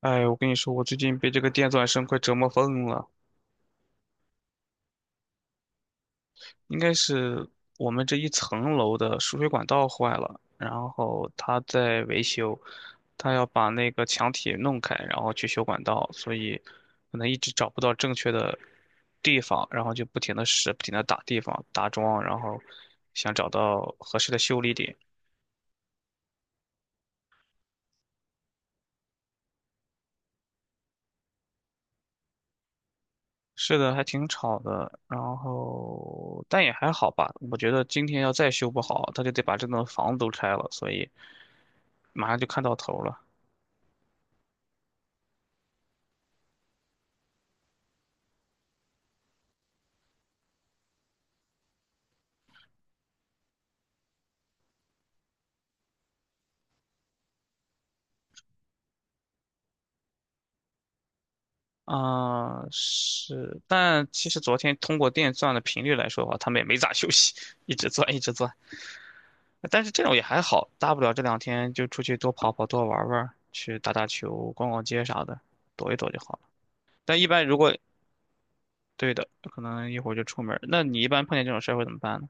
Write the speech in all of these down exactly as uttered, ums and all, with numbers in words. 哎，我跟你说，我最近被这个电钻声快折磨疯了。应该是我们这一层楼的输水管道坏了，然后他在维修，他要把那个墙体弄开，然后去修管道，所以可能一直找不到正确的地方，然后就不停的试，不停的打地方、打桩，然后想找到合适的修理点。是的，还挺吵的，然后但也还好吧。我觉得今天要再修不好，他就得把这栋房子都拆了，所以。马上就看到头了。啊，是，但其实昨天通过电钻的频率来说的话，他们也没咋休息，一直钻一直钻。但是这种也还好，大不了这两天就出去多跑跑、多玩玩，去打打球、逛逛街啥的，躲一躲就好了。但一般如果对的，可能一会儿就出门儿。那你一般碰见这种事儿会怎么办呢？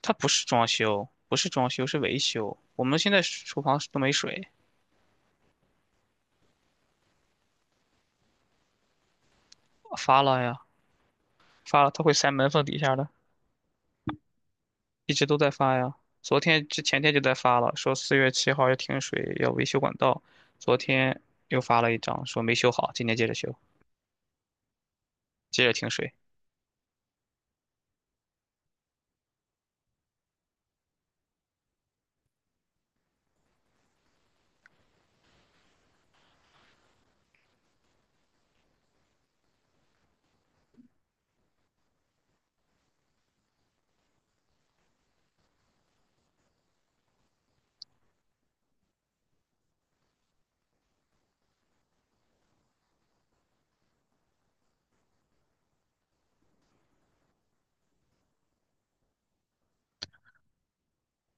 它不是装修，不是装修，是维修。我们现在厨房都没水，发了呀，发了，它会塞门缝底下的。一直都在发呀，昨天之前天就在发了，说四月七号要停水，要维修管道。昨天又发了一张，说没修好，今天接着修，接着停水。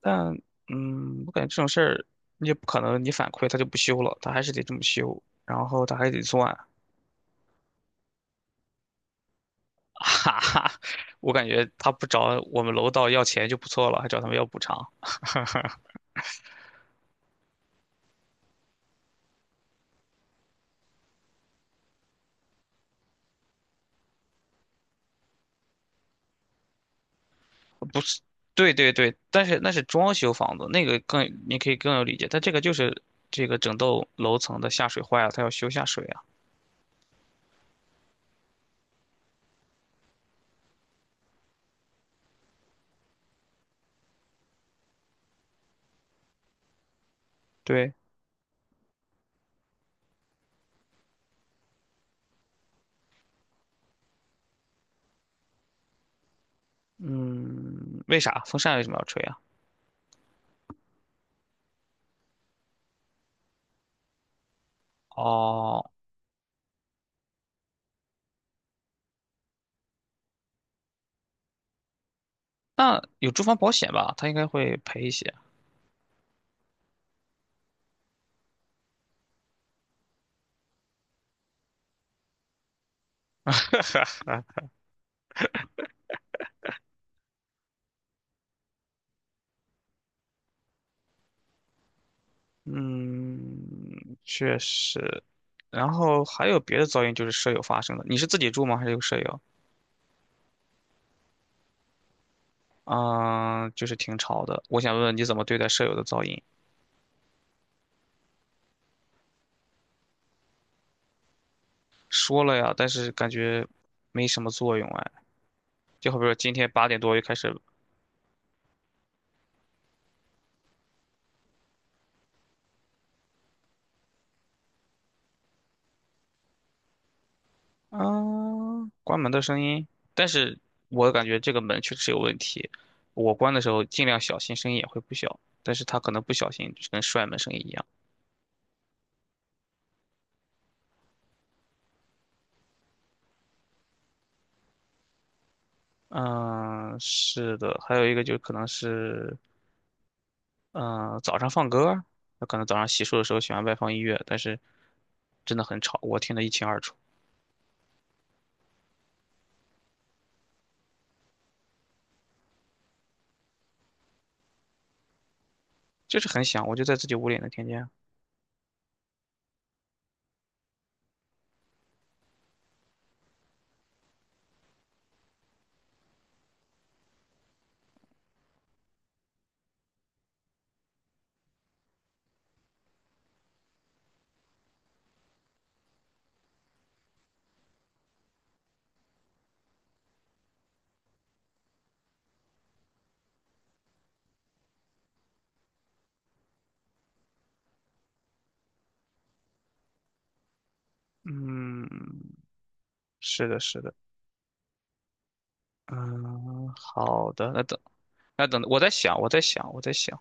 但嗯，我感觉这种事儿你也不可能，你反馈他就不修了，他还是得这么修，然后他还得算，哈哈。我感觉他不找我们楼道要钱就不错了，还找他们要补偿，不是？对对对，但是那是装修房子，那个更你可以更有理解，但这个就是这个整栋楼层的下水坏了，他要修下水啊。对，嗯，为啥风扇为什么要吹啊？哦，那有住房保险吧，他应该会赔一些。嗯，确实。然后还有别的噪音，就是舍友发生的。你是自己住吗？还是有舍友？嗯，就是挺吵的。我想问问你怎么对待舍友的噪音？说了呀，但是感觉没什么作用哎。就好比说今天八点多又开始啊，关门的声音，但是我感觉这个门确实有问题。我关的时候尽量小心，声音也会不小，但是他可能不小心就是跟摔门声音一样。嗯，是的，还有一个就可能是，嗯，早上放歌儿，那可能早上洗漱的时候喜欢外放音乐，但是真的很吵，我听得一清二楚，就是很响，我就在自己屋里也能听见。嗯，是的，是的，嗯，好的，那等那等，我在想，我在想，我在想。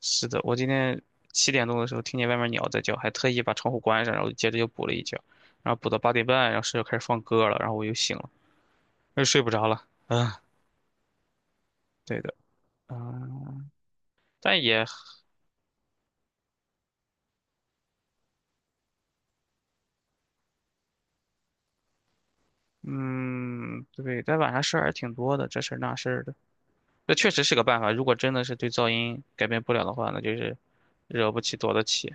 是的，我今天七点钟的时候听见外面鸟在叫，还特意把窗户关上，然后接着又补了一觉，然后补到八点半，然后室友开始放歌了，然后我又醒了，又睡不着了。嗯，对的，嗯，但也，嗯，对，但晚上事儿还挺多的，这事儿那事儿的，那确实是个办法。如果真的是对噪音改变不了的话，那就是惹不起躲得起。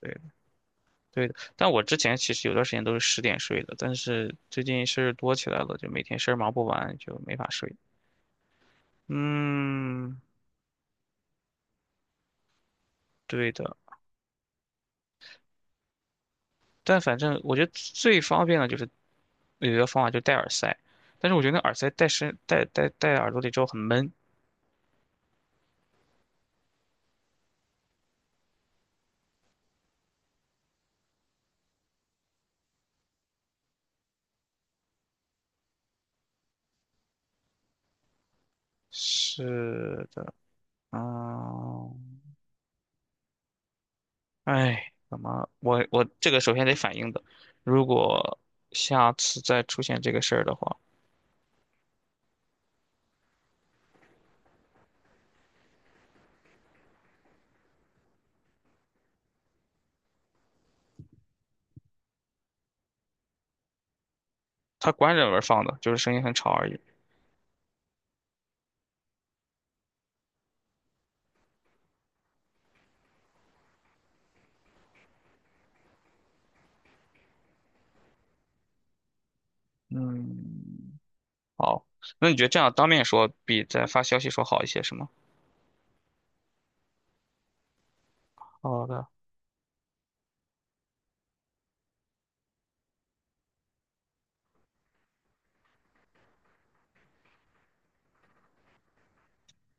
对的对的。但我之前其实有段时间都是十点睡的，但是最近事儿多起来了，就每天事儿忙不完，就没法睡。嗯，对的，但反正我觉得最方便的就是有一个方法，就戴耳塞。但是我觉得那耳塞戴身戴戴戴耳朵里之后很闷。是的，嗯，哎，怎么我我这个首先得反映的，如果下次再出现这个事儿的话，它关着门放的，就是声音很吵而已。嗯，好，那你觉得这样当面说比在发消息说好一些是吗？好的，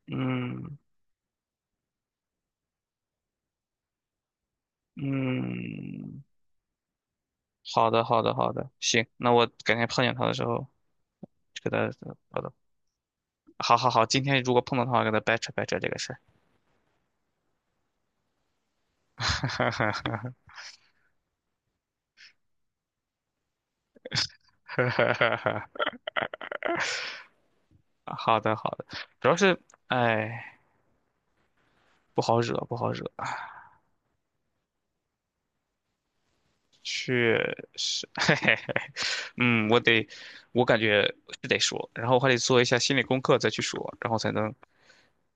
嗯嗯。好的，好的，好的，行，那我改天碰见他的时候就给他，好的，好好好，今天如果碰到他，我给他掰扯掰扯这个事儿。好的，好的，主要是，哎，不好惹，不好惹，确实，嘿嘿嘿，嗯，我得，我感觉是得说，然后我还得做一下心理功课再去说，然后才能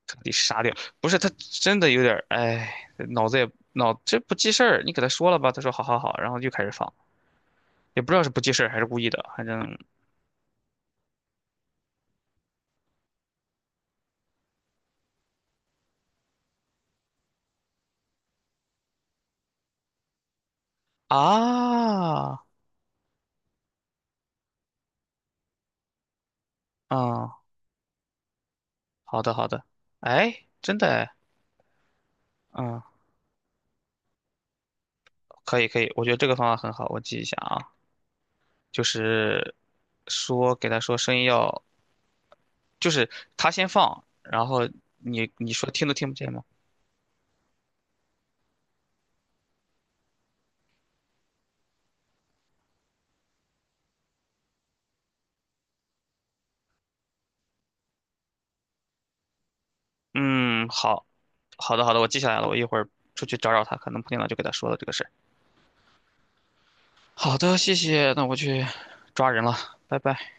彻底杀掉。不是他真的有点儿，哎，脑子也脑这不记事儿，你给他说了吧，他说好好好，然后又开始放。也不知道是不记事儿还是故意的，反正啊，嗯，好的好的，哎，真的哎，嗯，可以可以，我觉得这个方法很好，我记一下啊，就是说给他说声音要，就是他先放，然后你你说听都听不见吗？嗯，好，好的好的，我记下来了，我一会儿出去找找他，可能碰见了就给他说了这个事儿。好的，谢谢，那我去抓人了，拜拜。